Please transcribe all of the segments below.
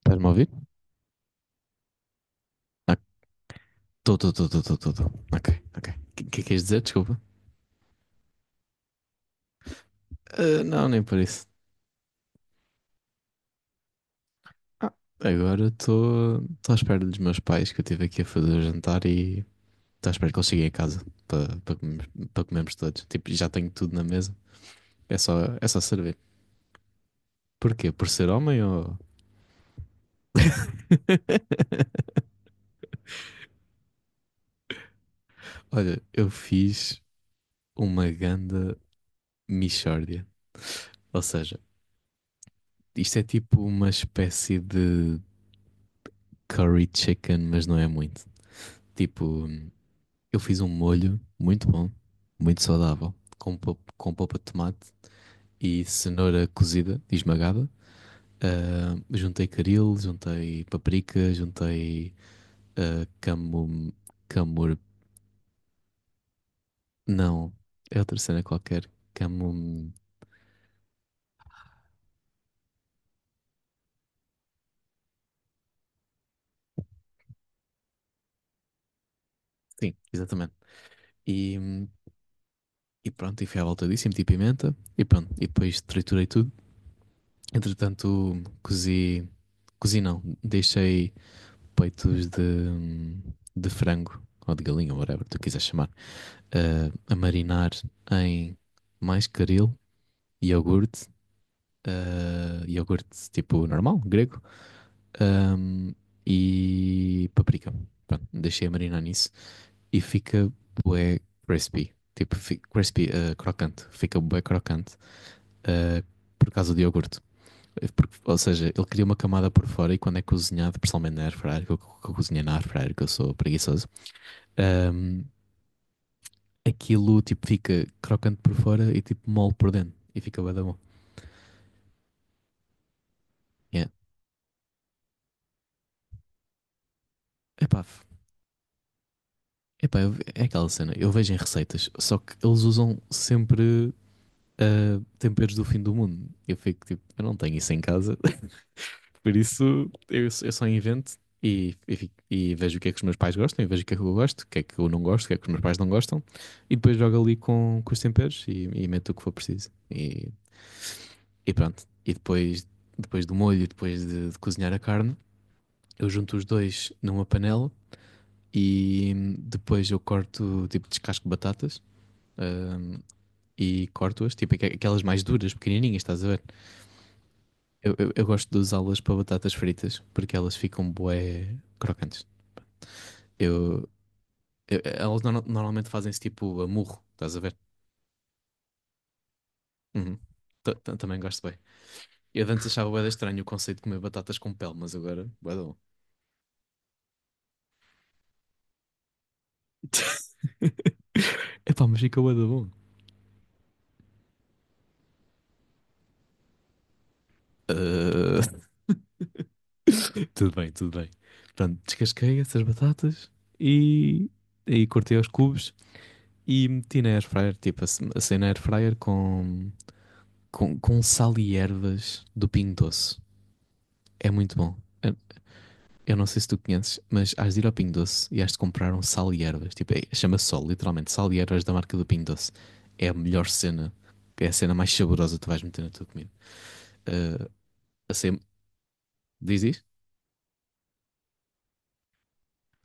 Estás-me a ouvir? Estou, estou, estou, estou, estou. Ok, ok. O que é que queres dizer? Desculpa. Ah, não, nem por isso. Ah, agora estou à espera dos meus pais, que eu estive aqui a fazer o jantar, e estou à espera que eles cheguem a casa para comermos, para comermos todos. Tipo, já tenho tudo na mesa. É só, é só servir. Porquê? Por ser homem ou... Olha, eu fiz uma ganda mixórdia. Ou seja, isto é tipo uma espécie de curry chicken, mas não é muito. Tipo, eu fiz um molho muito bom, muito saudável, com, com polpa de tomate e cenoura cozida e esmagada. Ah, juntei caril, juntei paprika, juntei camum, camur... Não, é outra cena qualquer. Camum... Sim, exatamente. E, hum, e pronto, e fui à volta disso e meti pimenta e pronto. E depois triturei tudo. Entretanto, cozi... Cozi não, deixei peitos de frango ou de galinha, whatever tu quiseres chamar, a marinar em mais caril, iogurte, iogurte tipo normal, grego, ahm, e paprika. Pronto, deixei a marinar nisso e fica bué crispy. Tipo, crispy, crocante. Fica bué crocante eh, por causa do iogurte. Ou seja, ele cria uma camada por fora e, quando é cozinhado, principalmente na air, que eu cozinhei na air, que eu sou preguiçoso, Ahm, aquilo tipo fica crocante por fora e tipo mole por dentro e fica bué da bom. Yeah. Epá, f- epá, é aquela cena, eu vejo em receitas, só que eles usam sempre temperos do fim do mundo. Eu fico tipo, eu não tenho isso em casa, por isso eu só invento e e vejo o que é que os meus pais gostam, e vejo o que é que eu gosto, o que é que eu não gosto, o que é que os meus pais não gostam, e depois jogo ali com os temperos e meto o que for preciso. E pronto. E depois, depois do molho, depois de cozinhar a carne, eu junto os dois numa panela e, depois eu corto, tipo, descasco batatas, hum, e corto-as, tipo, aquelas mais duras, pequenininhas, estás a ver? Eu gosto de usá-las para batatas fritas porque elas ficam bué crocantes. Eu, elas normalmente fazem-se tipo a murro, estás a ver? Uhum. Também gosto bem. Eu antes achava bué da estranho o conceito de comer batatas com pele, mas agora, bué da bom. Epá, mas fica bué da bom. Ah, tudo bem, tudo bem. Pronto, descasquei essas batatas e aí cortei aos cubos e meti na airfryer, tipo, assei na airfryer com sal e ervas do Pingo Doce. É muito bom. Eu não sei se tu conheces, mas has de ir ao Pingo Doce e has de comprar um sal e ervas. Tipo, chama-se só, literalmente, sal e ervas da marca do Pingo Doce. É a melhor cena, é a cena mais saborosa que tu vais meter na tua comida. Ah, assei, diz, diz?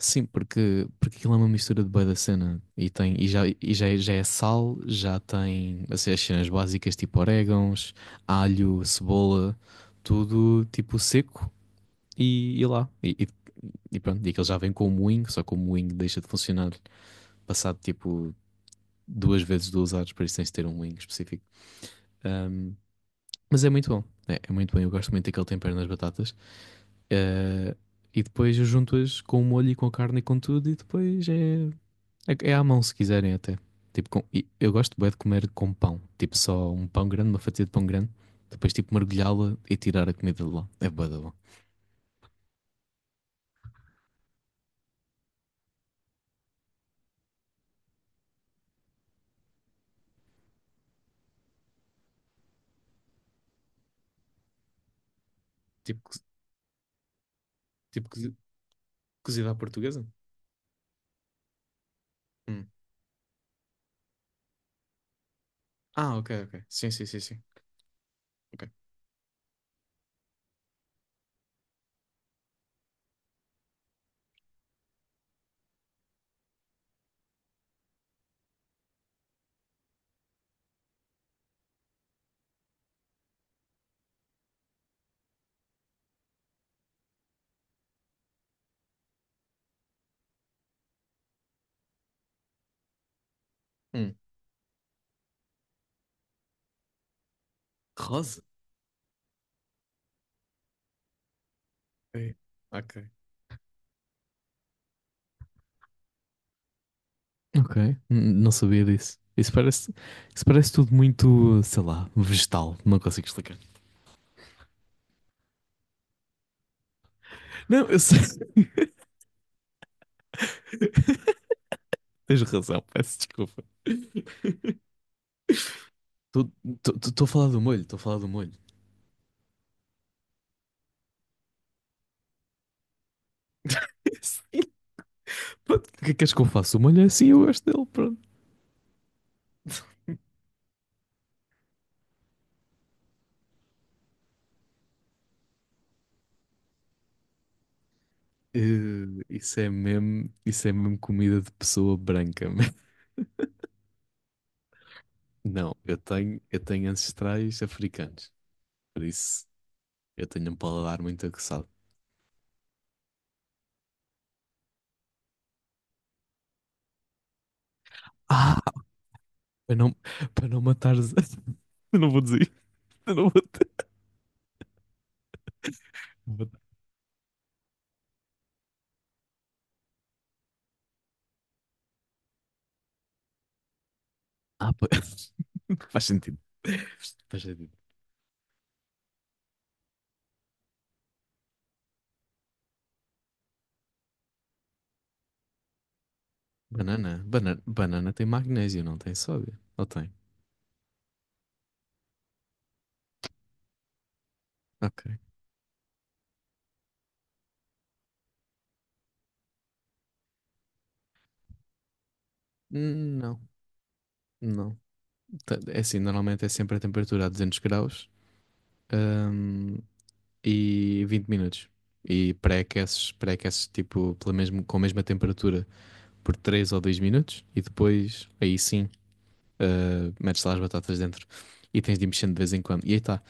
Sim, porque, porque aquilo é uma mistura de bué da cena e, tem, e já é sal, já tem assim, as cenas básicas tipo orégãos, alho, cebola, tudo tipo seco e lá. E pronto, e aquilo já vem com o moinho, só que o moinho deixa de funcionar passado tipo duas vezes 2 horas, por isso tens de ter um moinho específico. Ahm, mas é muito bom, é, é muito bom, eu gosto muito daquele tempero nas batatas. Eh, e depois eu junto-as com o molho e com a carne e com tudo, e depois é. É, é à mão, se quiserem até. Tipo, e eu gosto bem de comer com pão. Tipo, só um pão grande, uma fatia de pão grande. Depois, tipo, mergulhá-la e tirar a comida de lá. É bué da bom. Tipo, tipo cozi- cozida à portuguesa? Hum. Ah, ok, ok. Sim, sim, sim, sim. Ok. Hum. Rosa? É. Ok. Ok, não sabia disso. Isso parece tudo muito, sei lá, vegetal. Não consigo explicar. Não, eu sei. Tens razão, peço desculpa. Estou a falar do molho, estou a falar do molho. Sim, pronto. O que é que és que eu faço? Uma olha assim, eu gosto dele, pronto. Isso é mesmo comida de pessoa branca. man. Não, eu tenho ancestrais africanos, por isso eu tenho um paladar muito aguçado. Ah, para não, para não matar. Eu não vou dizer isto, eu não vou dizer. Vou... Ah, pa- Faz sentido. Faz sentido. Banana, banana, banana tem magnésio, não tem sódio? Ou tem? Ok. Não, não. É assim, normalmente é sempre a temperatura a 200 graus, hum, e 20 minutos. E pré-aqueces tipo pela mesmo, com a mesma temperatura por 3 ou 2 minutos, e depois aí sim, metes lá as batatas dentro e tens de ir mexendo de vez em quando. E aí está.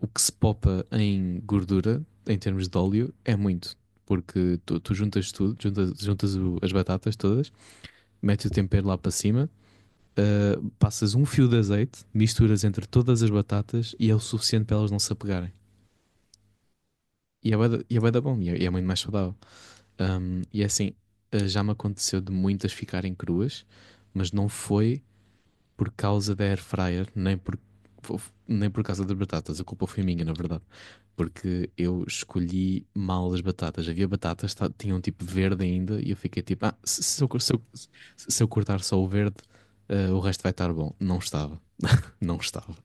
O que se popa em gordura, em termos de óleo, é muito. Porque tu, tu juntas tudo, juntas, juntas as batatas todas, metes o tempero lá para cima, passas um fio de azeite, misturas entre todas as batatas e é o suficiente para elas não se apegarem. E é bué da bom, e é muito mais saudável. E é assim, já me aconteceu de muitas ficarem cruas, mas não foi por causa da air fryer, nem por, nem por causa das batatas. A culpa foi minha, na verdade. Porque eu escolhi mal as batatas. Havia batatas que tinham um tipo verde ainda e eu fiquei tipo, ah, se eu... Se eu cortar só o verde, o resto vai estar bom. Não estava, não estava.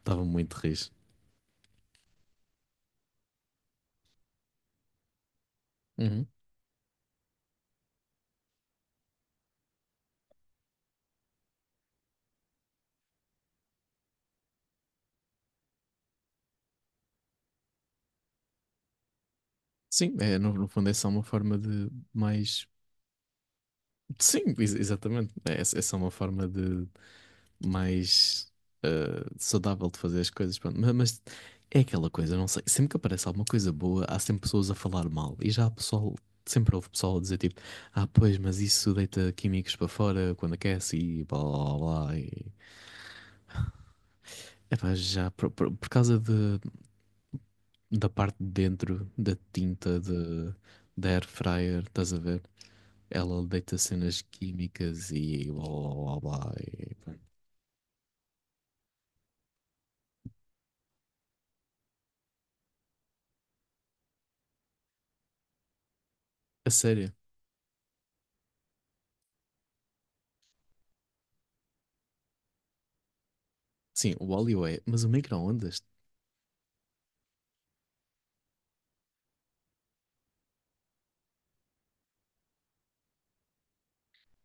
Estava muito riso... Uhum. Sim, é, no, no fundo é só uma forma de mais. Sim, exatamente. É, é só uma forma de mais, eh, saudável de fazer as coisas. Pronto. Mas, é aquela coisa, não sei. Sempre que aparece alguma coisa boa, há sempre pessoas a falar mal. E já há pessoal, sempre houve pessoal a dizer tipo, ah, pois, mas isso deita químicos para fora quando aquece e blá blá blá. E... Epá, já por causa de, da parte de dentro da tinta de, da air fryer, estás a ver? Ela deita cenas químicas e blá blá blá blá. E pronto. A sério. Sim, o óleo é, mas o micro-ondas,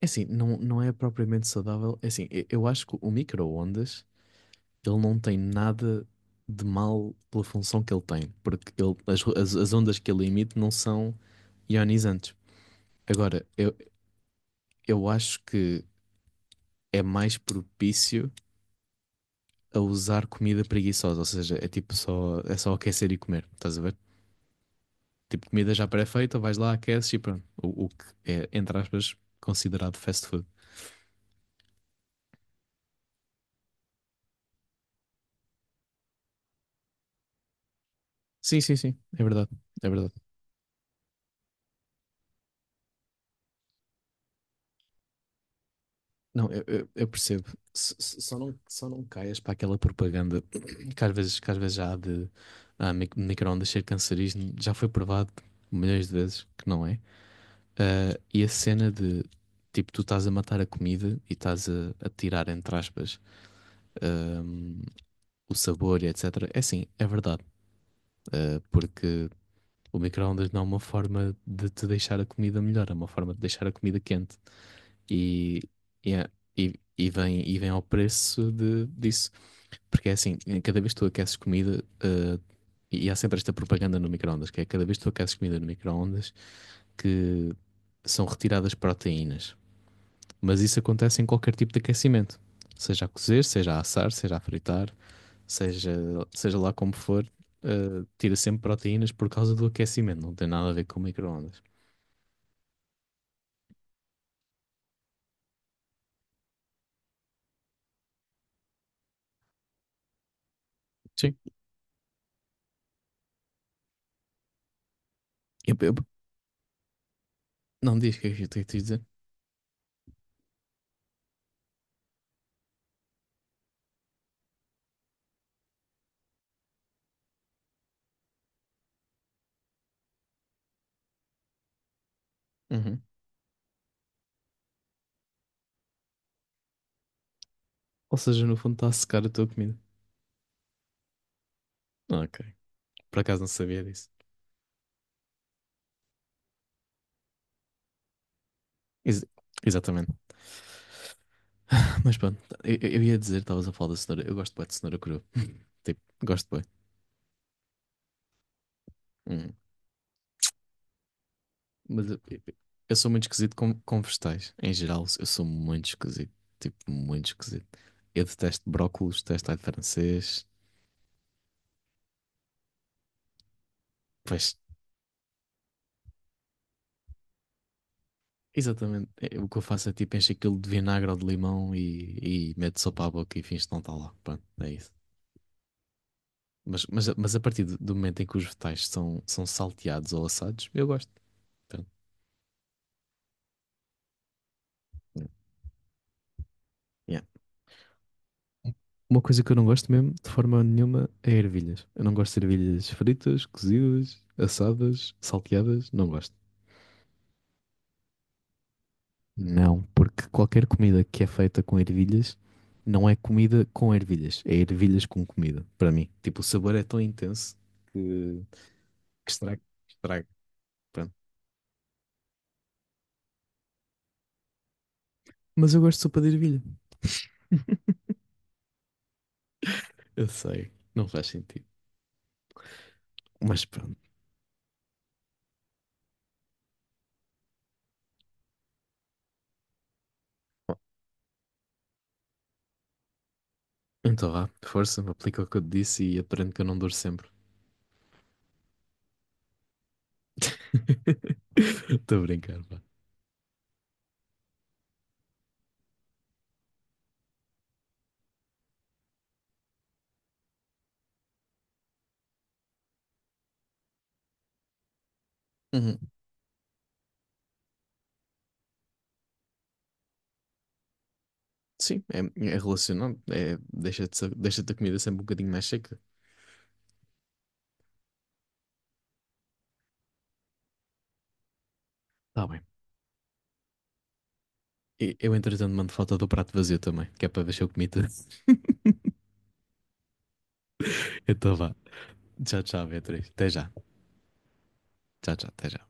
é assim, não, não é propriamente saudável. É assim, eu acho que o micro-ondas, ele não tem nada de mal pela função que ele tem, porque ele, as ondas que ele emite não são ionizantes. Agora, eu acho que é mais propício a usar comida preguiçosa, ou seja, é tipo só, é só aquecer e comer, estás a ver? Tipo, comida já pré-feita, vais lá, aqueces e pronto. O que é, entre aspas, considerado fast food. Sim, sim, sim. É verdade. É verdade. Não, eu percebo. Só não caias para aquela propaganda que às vezes já há de micro-ondas ser cancerígeno. Já foi provado milhões de vezes que não é. Ah, e a cena de tipo, tu estás a matar a comida e estás a tirar, entre aspas, ahm, o sabor e etc. É assim, é verdade. Porque o micro-ondas não é uma forma de te deixar a comida melhor, é uma forma de deixar a comida quente. E, e, é- e vem ao preço de, disso. Porque é assim, cada vez que tu aqueces comida, e há sempre esta propaganda no micro-ondas, que é cada vez que tu aqueces comida no micro-ondas, que são retiradas proteínas. Mas isso acontece em qualquer tipo de aquecimento. Seja a cozer, seja a assar, seja a fritar, seja, seja lá como for, tira sempre proteínas por causa do aquecimento, não tem nada a ver com micro-ondas. Sim. Eu- eu- não diz o que é que eu tenho que te dizer. Uhum. Ou seja, no fundo está a secar a tua comida. Ah, ok. Por acaso não sabia disso. Ex- exatamente. Mas pronto, ia dizer, estavas a falar da cenoura. Eu gosto bem de cenoura crua. Tipo, gosto bem. Hum. Mas eu sou muito esquisito com vegetais. Em geral, eu sou muito esquisito. Tipo, muito esquisito. Eu detesto brócolos, detesto alho francês. Pois. Exatamente. É, o que eu faço é tipo encho aquilo de vinagre ou de limão e meto sopa à boca e finge que não está lá. Pronto, é isso. Mas a partir do momento em que os vegetais são, são salteados ou assados, eu gosto. Pronto. Yeah. Uma coisa que eu não gosto mesmo, de forma nenhuma, é ervilhas. Eu não gosto de ervilhas fritas, cozidas, assadas, salteadas, não gosto. Não, porque qualquer comida que é feita com ervilhas não é comida com ervilhas, é ervilhas com comida, para mim. Tipo, o sabor é tão intenso que que estraga, que estraga. Pronto. Mas eu gosto de sopa de ervilha. Eu sei, não faz sentido. Mas pronto. Bom. Então vá, força, aplica o que eu te disse e aprende que eu não duro sempre. Estou a brincar, pá. Uhum. Sim, é, é relacionado. É, deixa-te a comida sempre um bocadinho mais seca. Tá bem. Eu, entretanto, mando foto do prato vazio também, que é para ver se eu comi tudo. Então vá. Tchau, tchau, Beatriz. Até já. Tchau, tchau, até já.